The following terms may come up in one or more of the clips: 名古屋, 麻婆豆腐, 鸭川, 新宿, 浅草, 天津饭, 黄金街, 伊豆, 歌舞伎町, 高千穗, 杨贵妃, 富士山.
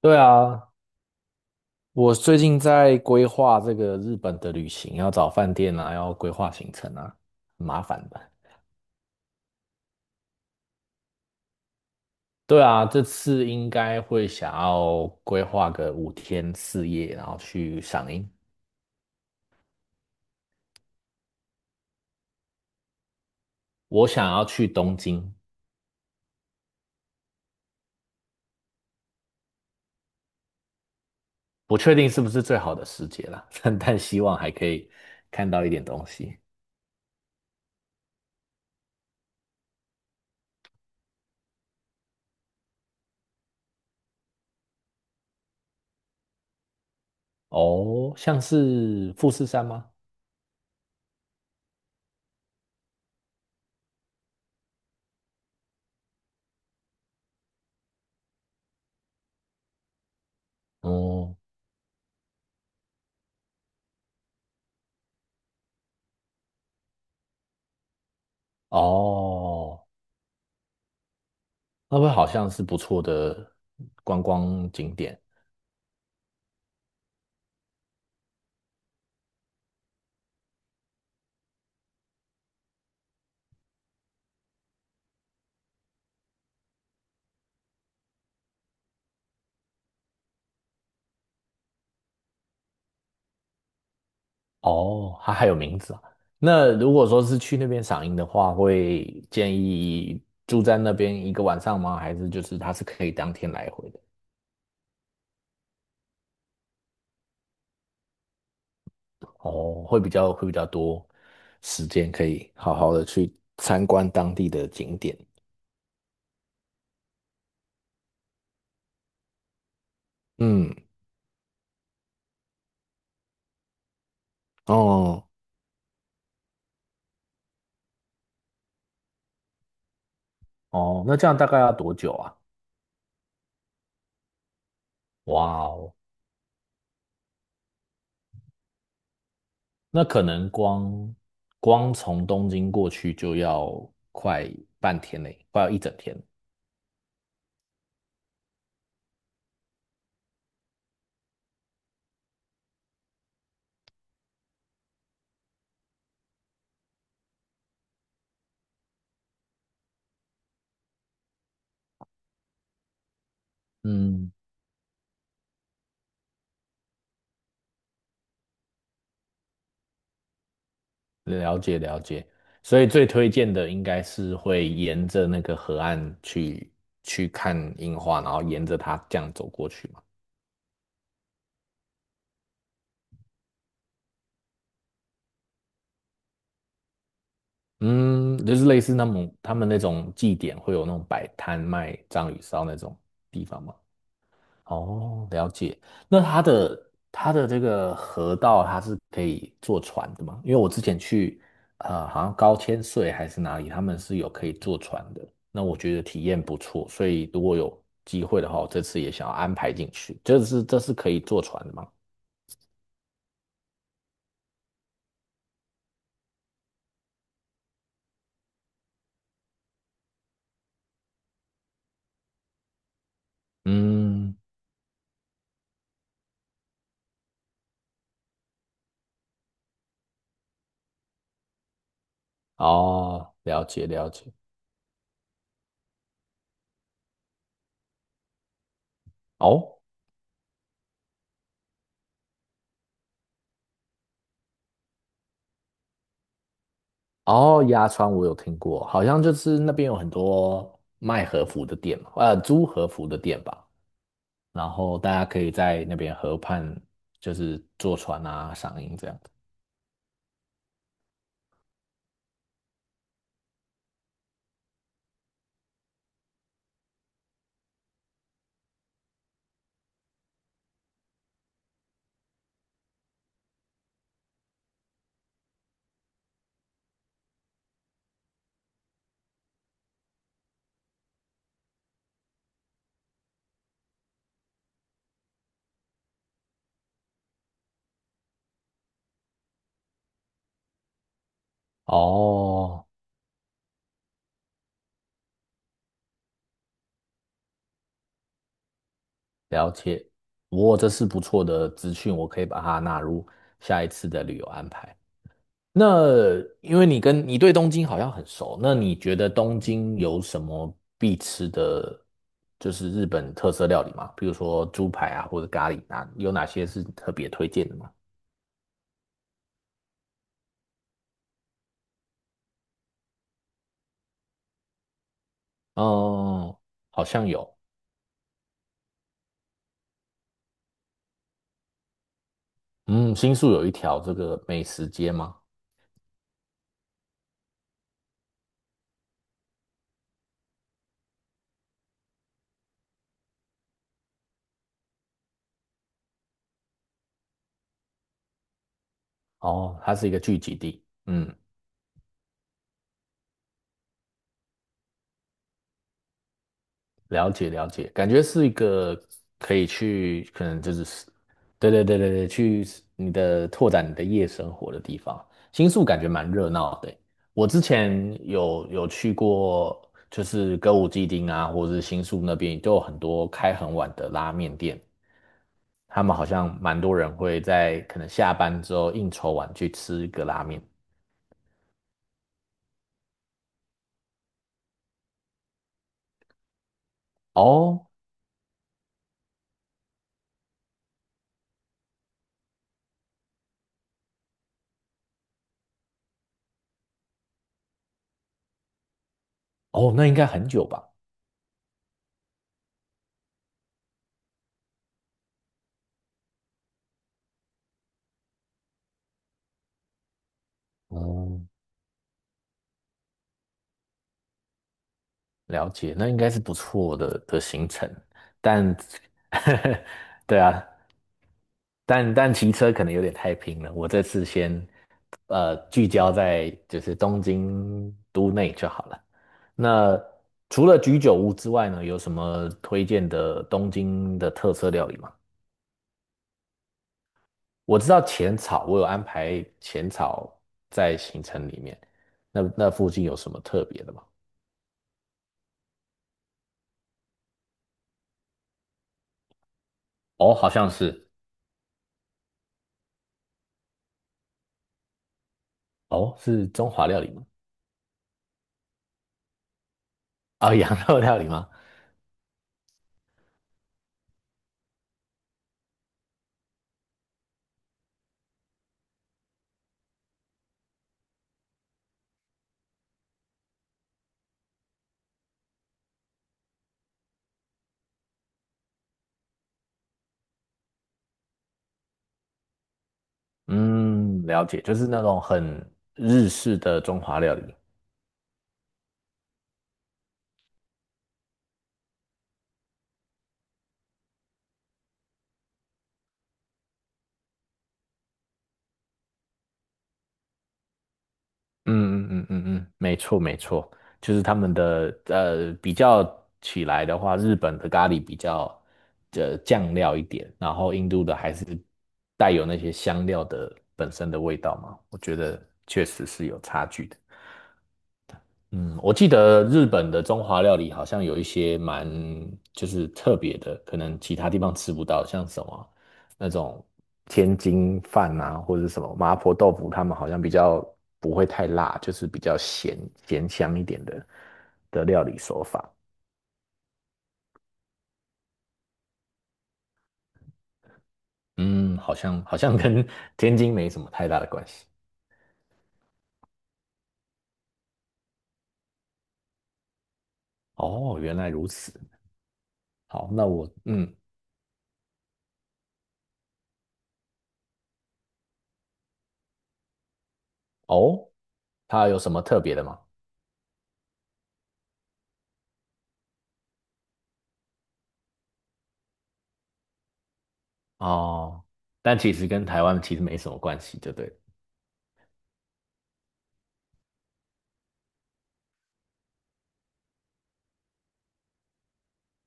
对啊，我最近在规划这个日本的旅行，要找饭店啊，要规划行程啊，很麻烦的。对啊，这次应该会想要规划个五天四夜，然后去赏樱。我想要去东京，不确定是不是最好的时节啦，但希望还可以看到一点东西。哦，像是富士山吗？哦哦，那会好像是不错的观光景点。哦，它还有名字啊。那如果说是去那边赏樱的话，会建议住在那边一个晚上吗？还是就是它是可以当天来回的？哦，会比较多时间可以好好的去参观当地的景点。嗯，哦哦，那这样大概要多久啊？哇哦，那可能光从东京过去就要快半天嘞，快要一整天。嗯。了解了解，所以最推荐的应该是会沿着那个河岸去看樱花，然后沿着它这样走过去嘛。嗯，就是类似那种他们那种祭典会有那种摆摊卖章鱼烧那种地方吗？哦，了解。那它的这个河道，它是可以坐船的吗？因为我之前去，好像高千穗还是哪里，他们是有可以坐船的。那我觉得体验不错，所以如果有机会的话，我这次也想要安排进去。这是可以坐船的吗？嗯，哦，了解了解。哦哦，鸭川我有听过，好像就是那边有很多卖和服的店嘛租和服的店吧。然后大家可以在那边河畔，就是坐船啊、赏樱这样子。哦，了解。哇，这是不错的资讯，我可以把它纳入下一次的旅游安排。那因为你对东京好像很熟，那你觉得东京有什么必吃的，就是日本特色料理吗？比如说猪排啊，或者咖喱啊，有哪些是特别推荐的吗？哦，好像有。嗯，新宿有一条这个美食街吗？哦，它是一个聚集地。嗯，了解了解，感觉是一个可以去，可能就是，对对对对对，去拓展你的夜生活的地方。新宿感觉蛮热闹的欸，我之前有去过，就是歌舞伎町啊，或者是新宿那边，都有很多开很晚的拉面店，他们好像蛮多人会在可能下班之后应酬完去吃一个拉面。哦哦，那应该很久吧？哦，了解，那应该是不错的行程，但 对啊，但骑车可能有点太拼了。我这次先聚焦在就是东京都内就好了。那除了居酒屋之外呢，有什么推荐的东京的特色料理吗？我知道浅草，我有安排浅草在行程里面。那附近有什么特别的吗？哦，好像是，哦，是中华料理吗？啊、羊肉料理吗？嗯，了解，就是那种很日式的中华料理。嗯嗯嗯嗯嗯，没错没错，就是他们的比较起来的话，日本的咖喱比较酱料一点，然后印度的还是带有那些香料的本身的味道嘛，我觉得确实是有差距的。嗯，我记得日本的中华料理好像有一些蛮就是特别的，可能其他地方吃不到，像什么那种天津饭啊，或者是什么麻婆豆腐，他们好像比较不会太辣，就是比较咸香一点的料理手法。嗯，好像跟天津没什么太大的关系。哦，原来如此。好，那我嗯，哦，它有什么特别的吗？哦，但其实跟台湾其实没什么关系，就对了。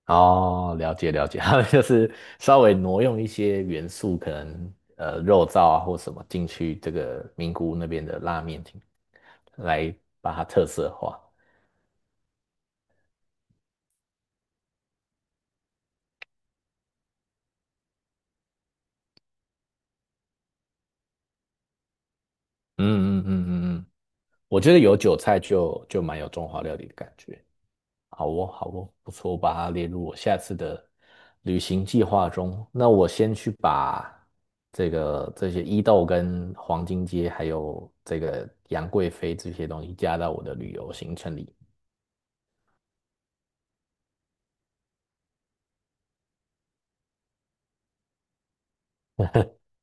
哦，了解了解，他们就是稍微挪用一些元素，可能肉燥啊或什么进去这个名古屋那边的拉面厅，来把它特色化。嗯嗯嗯嗯嗯，我觉得有韭菜就蛮有中华料理的感觉。好哦好哦，不错，我把它列入我下次的旅行计划中。那我先去把这些伊豆跟黄金街还有这个杨贵妃这些东西加到我的旅游行程里。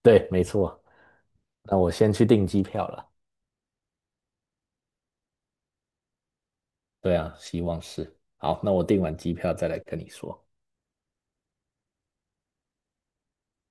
对，没错。那我先去订机票了。对啊，希望是。好，那我订完机票再来跟你说。